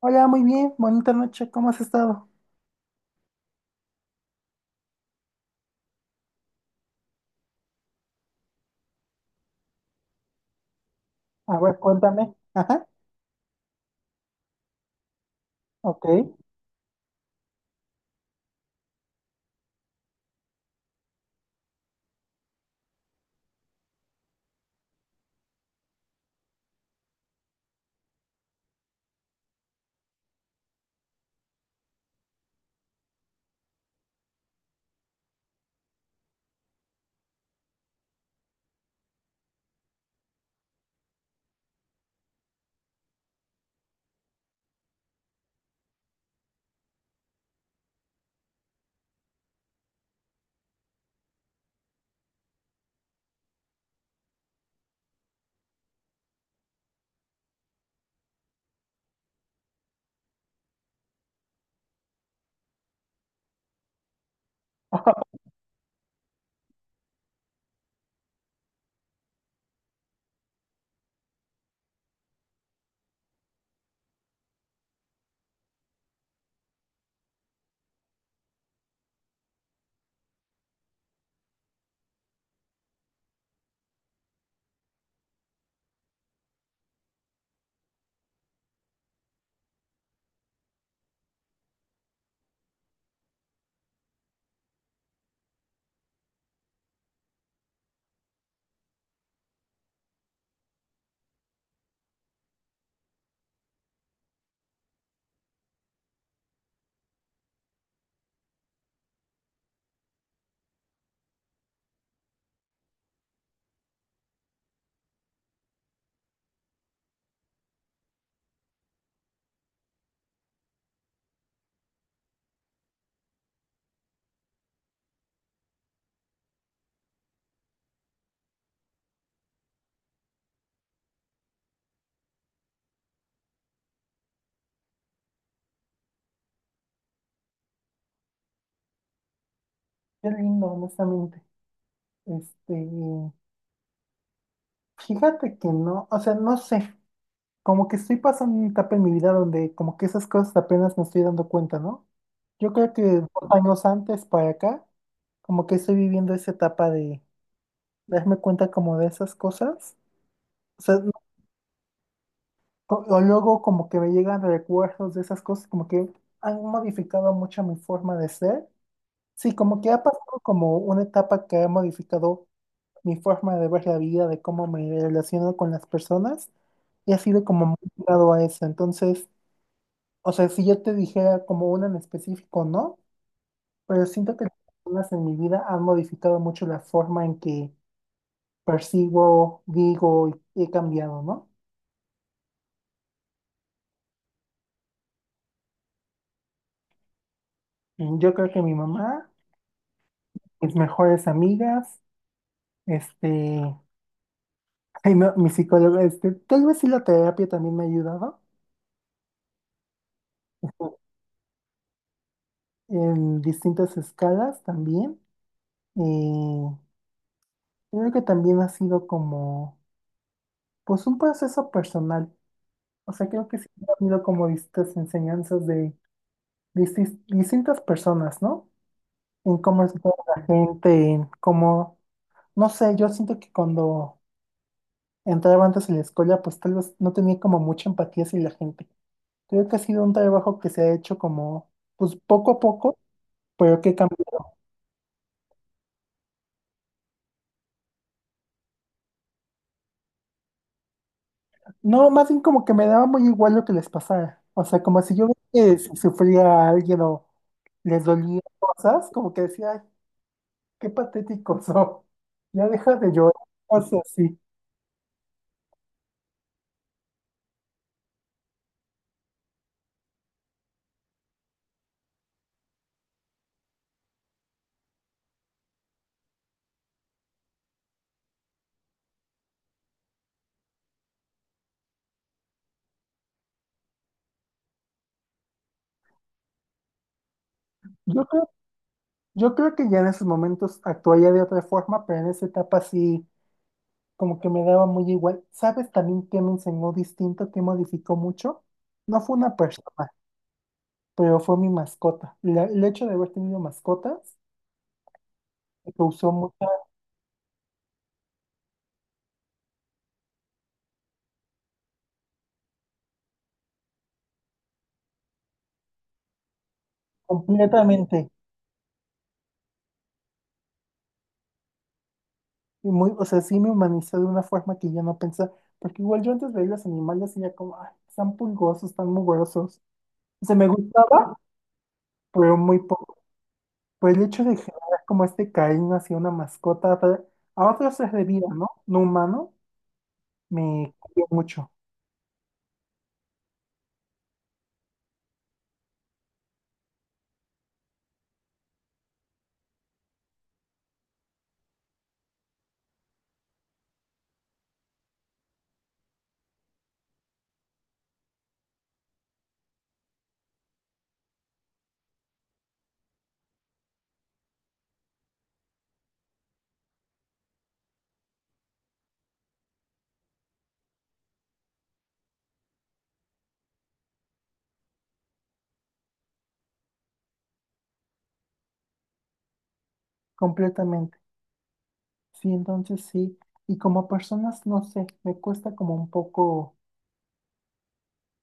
Hola, muy bien, bonita noche, ¿cómo has estado? A ver, cuéntame. Ajá, ok. Qué lindo, honestamente. Este, fíjate que no, o sea, no sé, como que estoy pasando una etapa en mi vida donde como que esas cosas apenas me estoy dando cuenta, ¿no? Yo creo que 2 años antes para acá, como que estoy viviendo esa etapa de darme cuenta como de esas cosas. O sea, o luego como que me llegan recuerdos de esas cosas, como que han modificado mucho mi forma de ser. Sí, como que ha pasado como una etapa que ha modificado mi forma de ver la vida, de cómo me relaciono con las personas, y ha sido como muy ligado a eso. Entonces, o sea, si yo te dijera como una en específico, no, pero siento que las personas en mi vida han modificado mucho la forma en que percibo, digo y he cambiado, ¿no? Mm, yo creo que mi mamá, mis mejores amigas, este, ay, no, mi psicóloga, tal vez sí la terapia también me ha ayudado. En distintas escalas también. Eh, Creo que también ha sido como, pues un proceso personal. O sea, creo que sí ha habido como distintas enseñanzas de distintas personas, ¿no? En cómo es toda la gente, en cómo, no sé, yo siento que cuando entraba antes en la escuela, pues tal vez no tenía como mucha empatía hacia la gente. Creo que ha sido un trabajo que se ha hecho como, pues poco a poco, pero que cambia. No, más bien como que me daba muy igual lo que les pasara. O sea, como si yo veía que si sufría a alguien o les dolía cosas, como que decía, ay, qué patético son. Ya deja de llorar, o sea, sí. Yo creo, yo creo que ya en esos momentos actuaría de otra forma, pero en esa etapa sí, como que me daba muy igual. ¿Sabes también qué me enseñó distinto, qué modificó mucho? No fue una persona, pero fue mi mascota. El hecho de haber tenido mascotas me causó mucha, completamente. Y muy, o sea, sí me humaniza de una forma que yo no pensaba, porque igual yo antes veía los animales y ya como, ay, están pulgosos, están mugrosos. O sea, me gustaba, pero muy poco. Por el hecho de generar como este cariño hacia una mascota, a a otros seres de vida, ¿no? No humano, me cambió mucho, completamente. Sí, entonces sí. Y como personas, no sé, me cuesta como un poco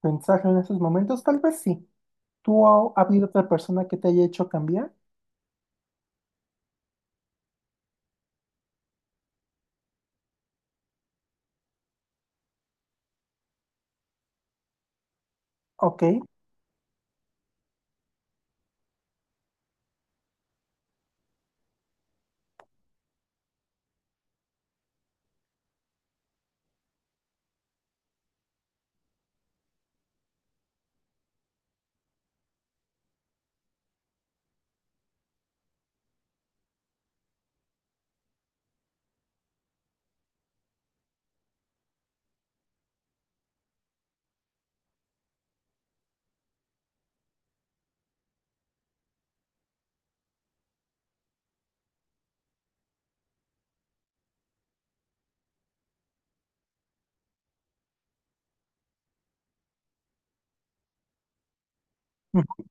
pensar en esos momentos, tal vez sí. ¿Tú ha habido otra persona que te haya hecho cambiar? Ok. Ujú.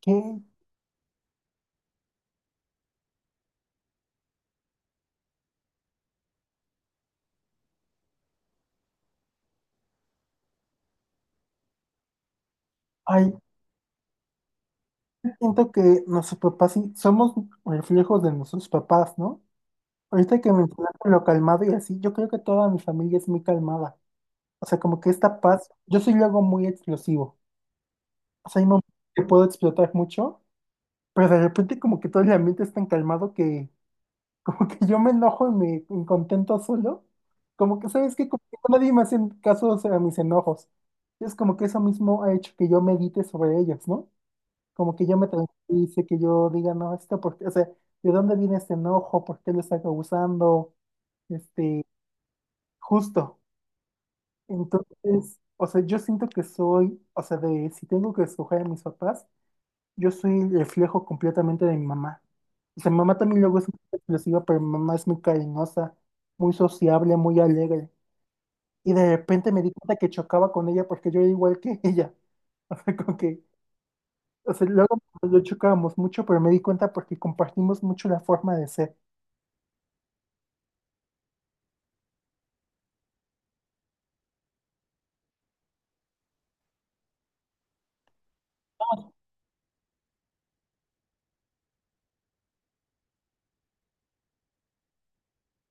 ¿Qué? Ay, siento que nuestros papás sí somos reflejos de nuestros papás, ¿no? Ahorita que mencionaste lo calmado y así, yo creo que toda mi familia es muy calmada. O sea, como que esta paz, yo soy luego muy explosivo. O sea, hay momentos que puedo explotar mucho, pero de repente como que todo el ambiente es tan calmado que como que yo me enojo y me incontento solo. Como que, ¿sabes qué? Como que nadie me hace caso o sea, a mis enojos. Es como que eso mismo ha hecho que yo medite sobre ellos, ¿no? Como que yo me tranquilice, que yo diga, no, esto porque, o sea, ¿de dónde viene este enojo? ¿Por qué lo está causando? Este, justo. Entonces, o sea, yo siento que soy, o sea, de si tengo que escoger a mis papás, yo soy el reflejo completamente de mi mamá. O sea, mi mamá también luego es muy explosiva, pero mi mamá es muy cariñosa, muy sociable, muy alegre. Y de repente me di cuenta que chocaba con ella porque yo era igual que ella. O sea, como que O sea, luego yo chocábamos mucho, pero me di cuenta porque compartimos mucho la forma de ser.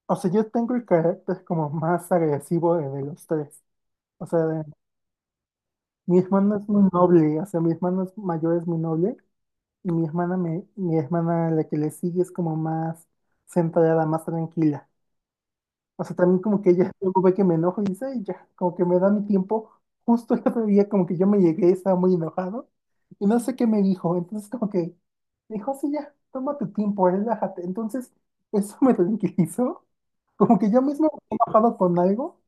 O sea, yo tengo el carácter como más agresivo de los tres. O sea, mi hermano es muy noble, o sea, mi hermano es mayor es muy noble, y mi hermana, mi hermana la que le sigue es como más centrada, más tranquila. O sea, también como que ya luego ve que me enojo y dice, "Ay, ya, como que me da mi tiempo. Justo el otro día como que yo me llegué, estaba muy enojado y no sé qué me dijo. Entonces como que me dijo, sí, ya, toma tu tiempo, relájate. Entonces eso me tranquilizó. Como que yo mismo me he enojado con algo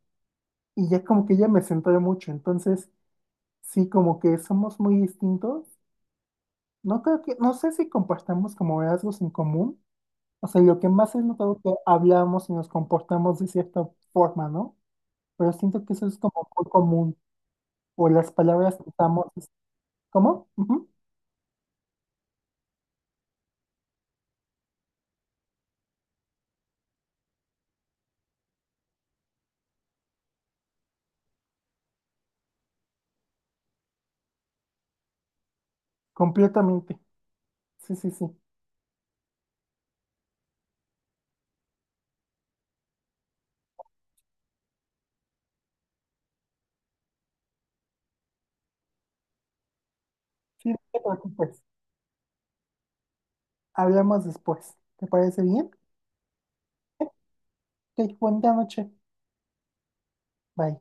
y ya como que ella me centré mucho. Entonces sí, como que somos muy distintos. No creo que, no sé si compartamos como rasgos en común. O sea, lo que más he notado es que hablamos y nos comportamos de cierta forma, ¿no? Pero siento que eso es como muy común, o las palabras que usamos, ¿cómo? Ujú, completamente. Sí, sí, sí. Sí, no te preocupes. Hablamos después. ¿Te parece bien? Ok, buena noche. Bye.